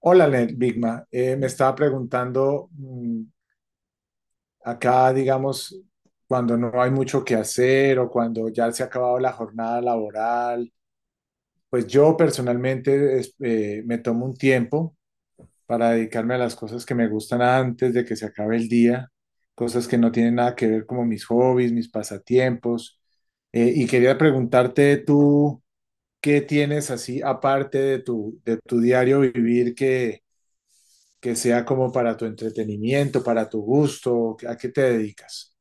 Hola, Bigma. Me estaba preguntando, acá, digamos, cuando no hay mucho que hacer o cuando ya se ha acabado la jornada laboral, pues yo personalmente me tomo un tiempo para dedicarme a las cosas que me gustan antes de que se acabe el día, cosas que no tienen nada que ver como mis hobbies, mis pasatiempos. Y quería preguntarte tú, ¿qué tienes así aparte de tu diario vivir que sea como para tu entretenimiento, para tu gusto? ¿A qué te dedicas?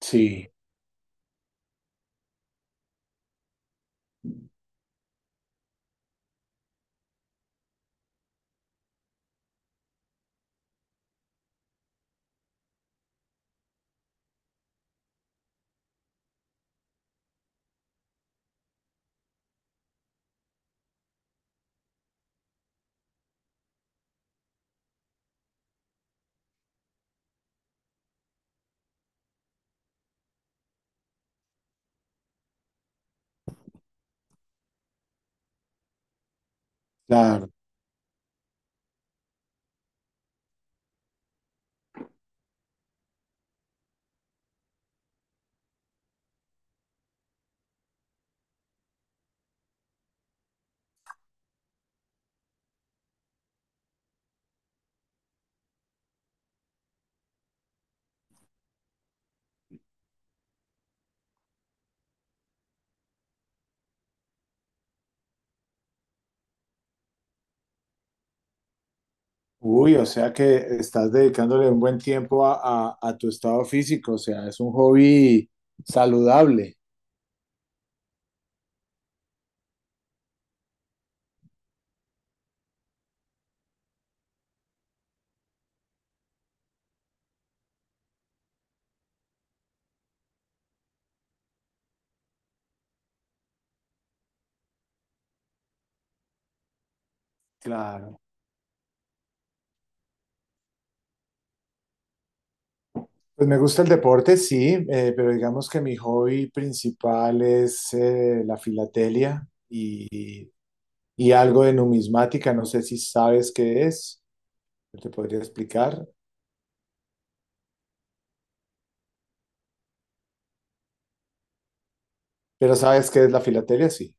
Sí, claro. Uy, o sea que estás dedicándole un buen tiempo a, a tu estado físico, o sea, es un hobby saludable. Claro. Pues me gusta el deporte, sí, pero digamos que mi hobby principal es la filatelia y algo de numismática. No sé si sabes qué es, te podría explicar, pero sabes qué es la filatelia, sí.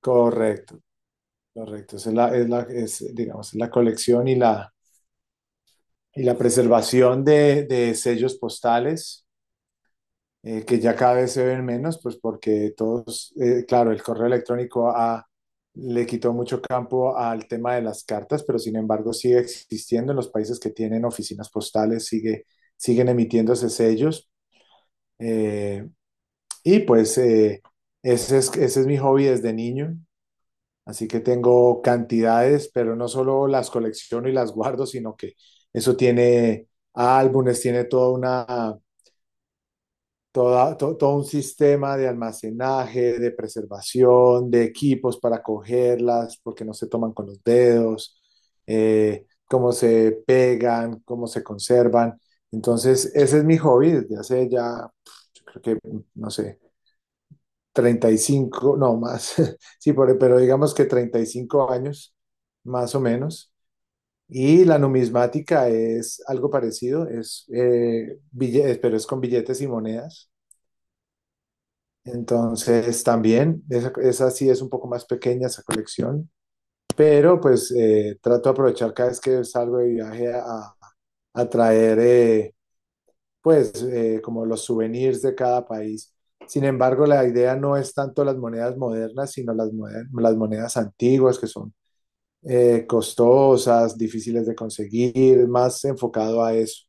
Correcto. Correcto, es, digamos, la colección y la preservación de sellos postales, que ya cada vez se ven menos, pues porque todos, claro, el correo electrónico le quitó mucho campo al tema de las cartas, pero sin embargo sigue existiendo en los países que tienen oficinas postales, siguen emitiéndose sellos. eh, y pues ese es mi hobby desde niño. Así que tengo cantidades, pero no solo las colecciono y las guardo, sino que eso tiene álbumes, tiene toda una, toda, to- todo un sistema de almacenaje, de preservación, de equipos para cogerlas, porque no se toman con los dedos, cómo se pegan, cómo se conservan. Entonces, ese es mi hobby desde hace ya, yo creo que, no sé, 35 no más, sí, pero digamos que 35 años, más o menos. Y la numismática es algo parecido, pero es con billetes y monedas. Entonces también, esa sí es un poco más pequeña esa colección, pero pues trato de aprovechar cada vez que salgo de viaje a, traer pues como los souvenirs de cada país. Sin embargo, la idea no es tanto las monedas modernas, sino las monedas antiguas, que son costosas, difíciles de conseguir, más enfocado a eso.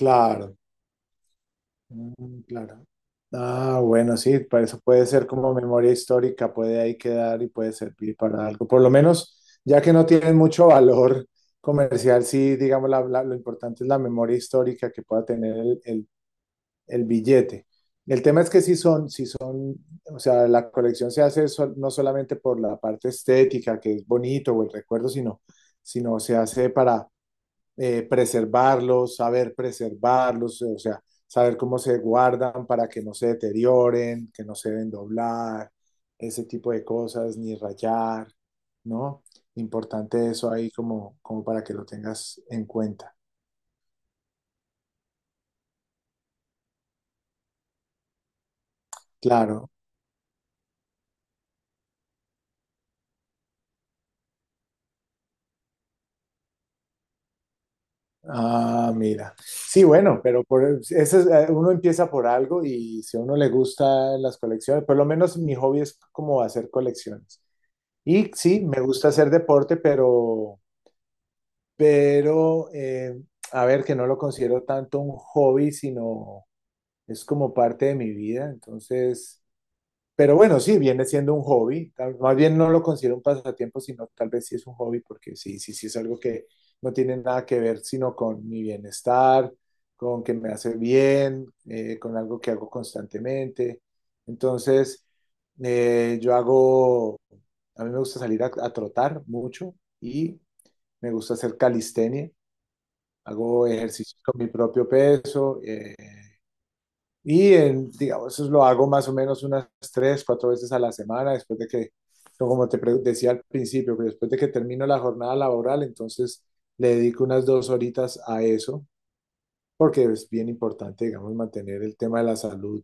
Claro, mm, claro. Ah, bueno, sí, para eso puede ser como memoria histórica, puede ahí quedar y puede servir para algo. Por lo menos, ya que no tienen mucho valor comercial, sí, digamos, lo importante es la memoria histórica que pueda tener el, el billete. El tema es que sí son, o sea, la colección se hace no solamente por la parte estética, que es bonito o el recuerdo, sino, se hace para preservarlos, saber preservarlos, o sea, saber cómo se guardan para que no se deterioren, que no se deben doblar, ese tipo de cosas, ni rayar, ¿no? Importante eso ahí como para que lo tengas en cuenta. Claro. Ah, mira. Sí, bueno, pero uno empieza por algo, y si a uno le gusta las colecciones, por lo menos mi hobby es como hacer colecciones. Y sí, me gusta hacer deporte, pero, pero eh, a ver, que no lo considero tanto un hobby, sino es como parte de mi vida. Entonces, pero bueno, sí, viene siendo un hobby. Más bien no lo considero un pasatiempo, sino tal vez sí es un hobby, porque sí es algo que no tiene nada que ver sino con mi bienestar, con que me hace bien, con algo que hago constantemente. Entonces, eh, yo hago, a mí me gusta salir a, trotar mucho, y me gusta hacer calistenia. Hago ejercicios con mi propio peso. Y en, digamos, eso lo hago más o menos unas tres, cuatro veces a la semana, después de que, no, como te decía al principio, que después de que termino la jornada laboral, entonces le dedico unas 2 horitas a eso, porque es bien importante, digamos, mantener el tema de la salud,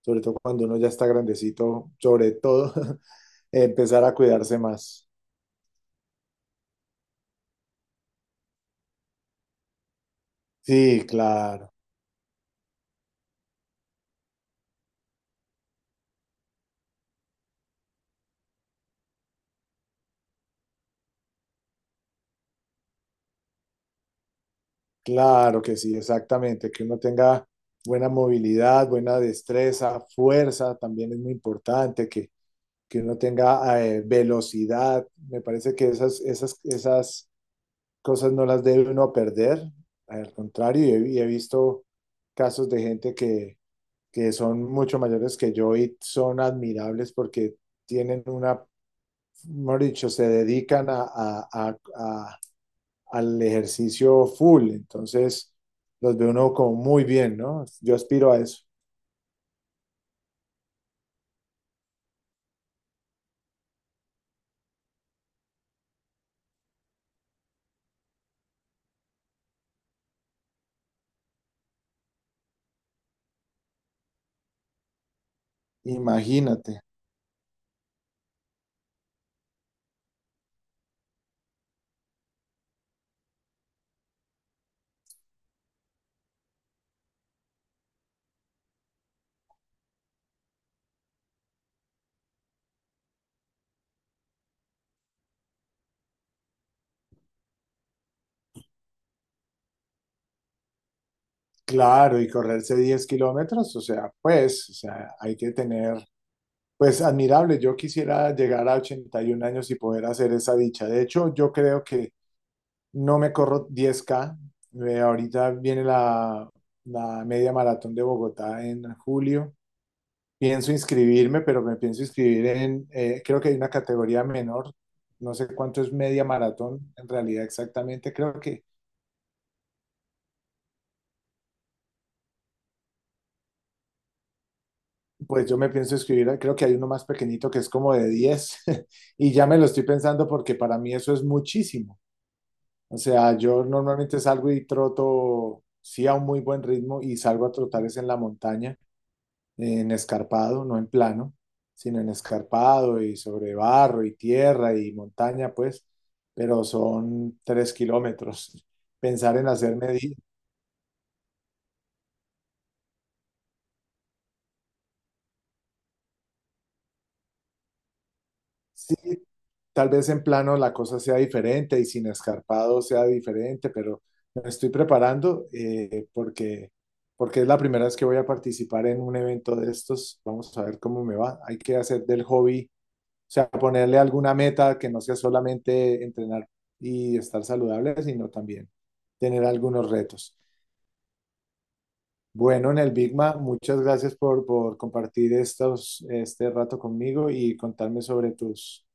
sobre todo cuando uno ya está grandecito, sobre todo empezar a cuidarse más. Sí, claro, claro que sí, exactamente, que uno tenga buena movilidad, buena destreza, fuerza. También es muy importante que uno tenga velocidad. Me parece que esas cosas no las debe uno perder. Al contrario, y he visto casos de gente que, son mucho mayores que yo y son admirables porque tienen una, mejor dicho, se dedican al ejercicio full. Entonces, los ve uno como muy bien, ¿no? Yo aspiro a eso. Imagínate. Claro, y correrse 10 kilómetros, o sea, pues, o sea, hay que tener. Pues admirable, yo quisiera llegar a 81 años y poder hacer esa dicha. De hecho, yo creo que no me corro 10K. Ahorita viene la, media maratón de Bogotá en julio. Pienso inscribirme, pero me pienso inscribir en, creo que hay una categoría menor. No sé cuánto es media maratón en realidad exactamente. Creo que, pues yo me pienso inscribir, creo que hay uno más pequeñito que es como de 10 y ya me lo estoy pensando porque para mí eso es muchísimo. O sea, yo normalmente salgo y troto, sí, a un muy buen ritmo, y salgo a trotar es en la montaña, en escarpado, no en plano, sino en escarpado y sobre barro y tierra y montaña, pues, pero son 3 kilómetros. Pensar en hacerme, sí, tal vez en plano la cosa sea diferente y sin escarpado sea diferente, pero me estoy preparando porque, es la primera vez que voy a participar en un evento de estos. Vamos a ver cómo me va. Hay que hacer del hobby, o sea, ponerle alguna meta que no sea solamente entrenar y estar saludable, sino también tener algunos retos. Bueno, en el Bigma, muchas gracias por, compartir este rato conmigo y contarme sobre tus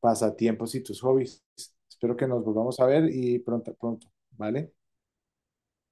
pasatiempos y tus hobbies. Espero que nos volvamos a ver, y pronto, pronto, ¿vale?